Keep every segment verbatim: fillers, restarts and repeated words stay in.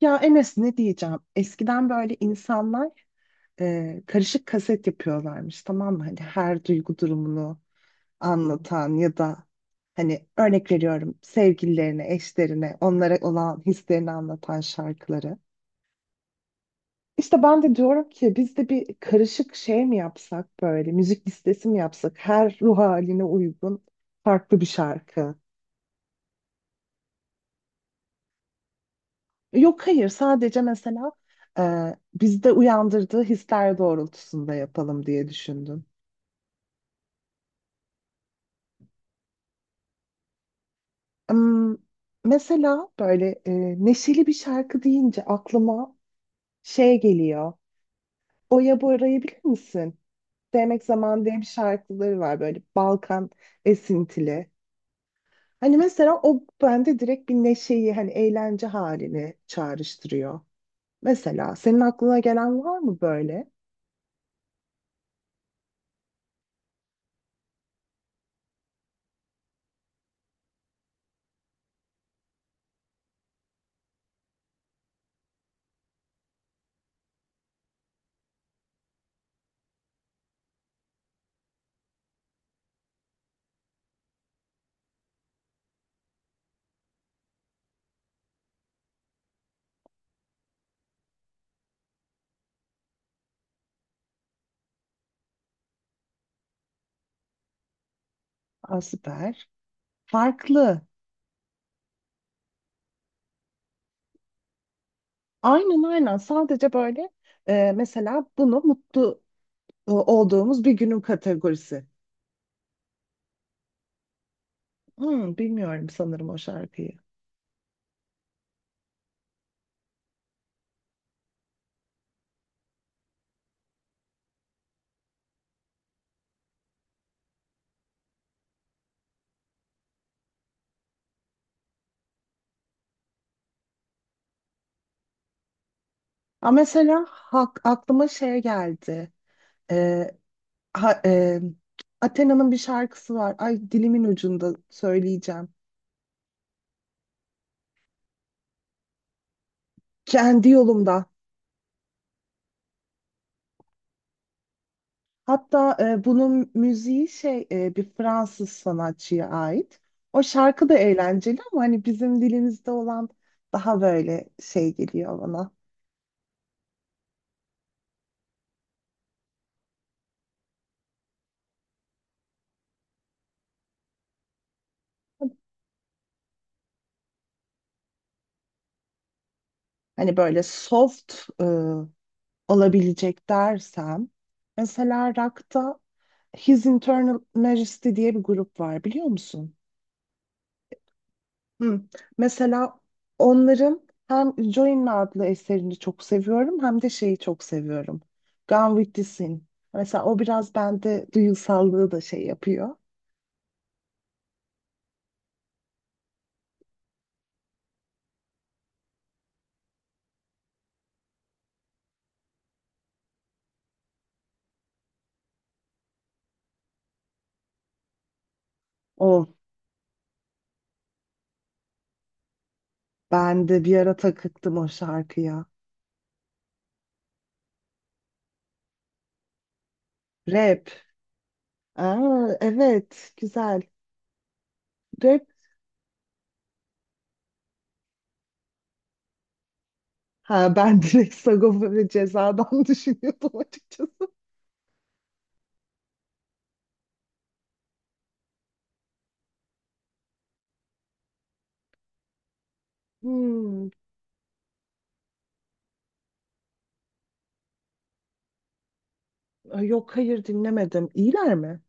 Ya Enes ne diyeceğim? Eskiden böyle insanlar e, karışık kaset yapıyorlarmış, tamam mı? Hani her duygu durumunu anlatan ya da hani örnek veriyorum, sevgililerine, eşlerine, onlara olan hislerini anlatan şarkıları. İşte ben de diyorum ki biz de bir karışık şey mi yapsak, böyle müzik listesi mi yapsak her ruh haline uygun farklı bir şarkı. Yok, hayır, sadece mesela e, bizde uyandırdığı hisler doğrultusunda yapalım diye düşündüm. Im, Mesela böyle e, neşeli bir şarkı deyince aklıma şey geliyor. Oya Bora'yı bilir misin? Sevmek Zaman diye bir şarkıları var, böyle Balkan esintili. Hani mesela o bende direkt bir neşeyi, hani eğlence halini çağrıştırıyor. Mesela senin aklına gelen var mı böyle? Aa, süper. Farklı. Aynen, aynen. Sadece böyle e, mesela bunu mutlu e, olduğumuz bir günün kategorisi. Hmm, bilmiyorum, sanırım o şarkıyı. Aa, mesela hak, aklıma şey geldi. E, ha- e, Athena'nın bir şarkısı var. Ay, dilimin ucunda, söyleyeceğim. Kendi yolumda. Hatta e, bunun müziği şey, e, bir Fransız sanatçıya ait. O şarkı da eğlenceli ama hani bizim dilimizde olan daha böyle şey geliyor bana. Hani böyle soft e, olabilecek dersem. Mesela rock'ta His Internal Majesty diye bir grup var, biliyor musun? Hı. Mesela onların hem Join adlı eserini çok seviyorum hem de şeyi çok seviyorum. Gone with the Sin. Mesela o biraz bende duygusallığı da şey yapıyor. O ben de bir ara takıktım o şarkıya. Rap. Aa, evet, güzel. Rap. Ha, ben direkt Sagopa ve Ceza'dan düşünüyordum açıkçası. Hmm. Ay, yok, hayır, dinlemedim. İyiler mi?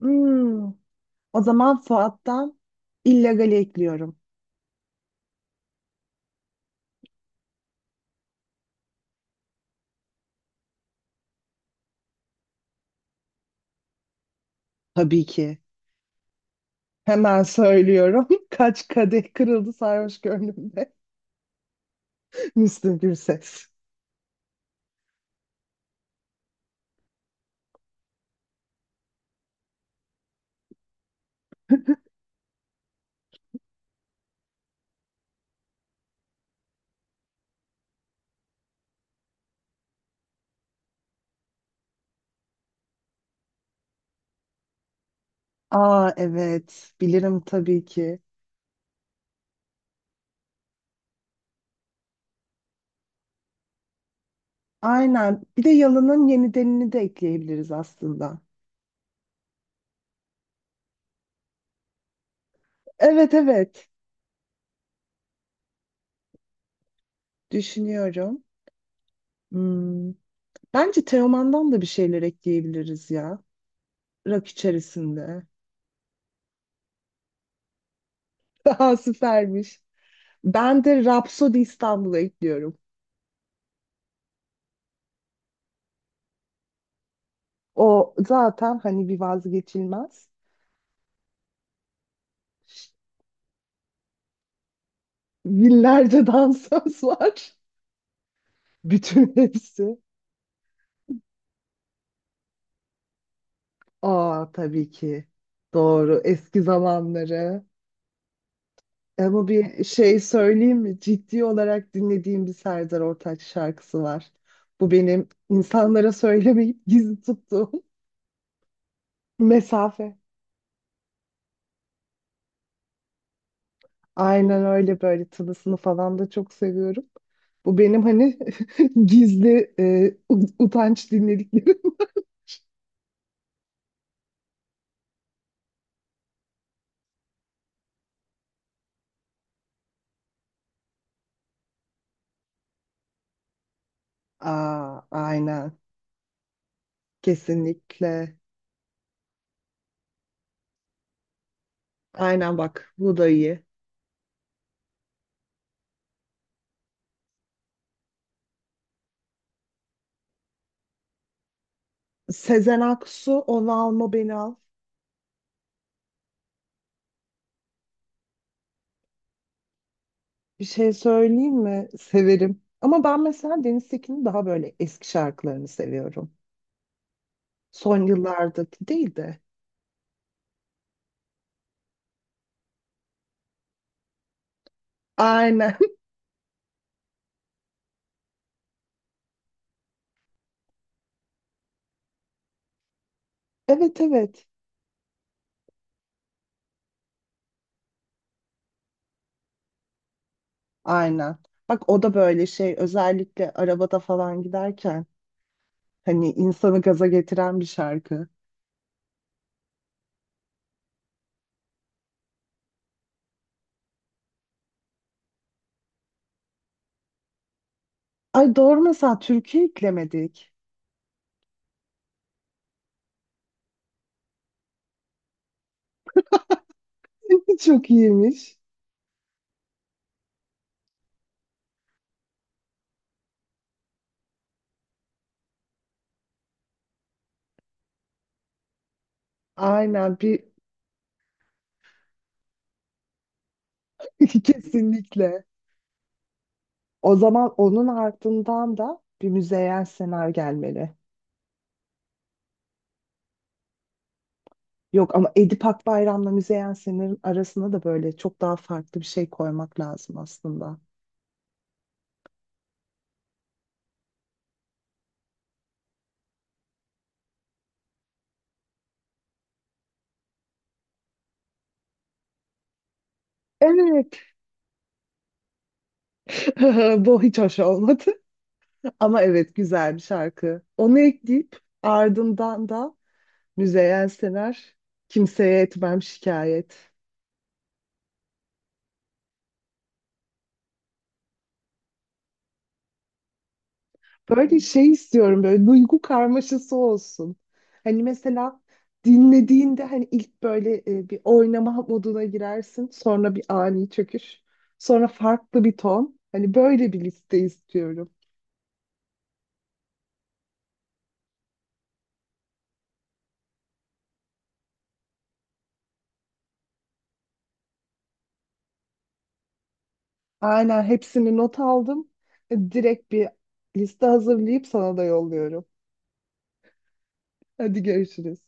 Hmm. O zaman Fuat'tan illegali ekliyorum. Tabii ki. Hemen söylüyorum. Kaç kadeh kırıldı sarhoş gönlümde. Müslüm Gürses. Aa, evet. Bilirim tabii ki. Aynen. Bir de Yalın'ın Yenidenini de ekleyebiliriz aslında. Evet, evet. Düşünüyorum. Hmm. Bence Teoman'dan da bir şeyler ekleyebiliriz ya. Rock içerisinde. Daha süpermiş. Ben de Rhapsody İstanbul'a ekliyorum. O zaten hani bir vazgeçilmez. Binlerce dansöz var. Bütün hepsi. Aa, tabii ki. Doğru. Eski zamanları. Ama bir şey söyleyeyim mi? Ciddi olarak dinlediğim bir Serdar Ortaç şarkısı var. Bu benim insanlara söylemeyip gizli tuttuğum mesafe. Aynen öyle, böyle tılısını falan da çok seviyorum. Bu benim hani gizli e, ut- utanç dinlediklerim. Aa, aynen. Kesinlikle. Aynen bak, bu da iyi. Sezen Aksu, Onu Alma Beni Al. Bir şey söyleyeyim mi? Severim. Ama ben mesela Deniz Tekin'in daha böyle eski şarkılarını seviyorum. Son yıllardaki değil de. Aynen. Evet, evet. Aynen. Bak, o da böyle şey, özellikle arabada falan giderken, hani insanı gaza getiren bir şarkı. Ay, doğru, mesela türkü eklemedik. Çok iyiymiş. Aynen bir kesinlikle. O zaman onun ardından da bir Müzeyyen Senar gelmeli. Yok, ama Edip Akbayram'la Müzeyyen Senar'ın arasına da böyle çok daha farklı bir şey koymak lazım aslında. Evet. Bu hiç hoş olmadı. Ama evet, güzel bir şarkı. Onu ekleyip ardından da Müzeyyen Senar, kimseye etmem şikayet. Böyle şey istiyorum, böyle duygu karmaşası olsun. Hani mesela dinlediğinde hani ilk böyle e, bir oynama moduna girersin. Sonra bir ani çöküş. Sonra farklı bir ton. Hani böyle bir liste istiyorum. Aynen, hepsini not aldım. E, Direkt bir liste hazırlayıp sana da yolluyorum. Hadi görüşürüz.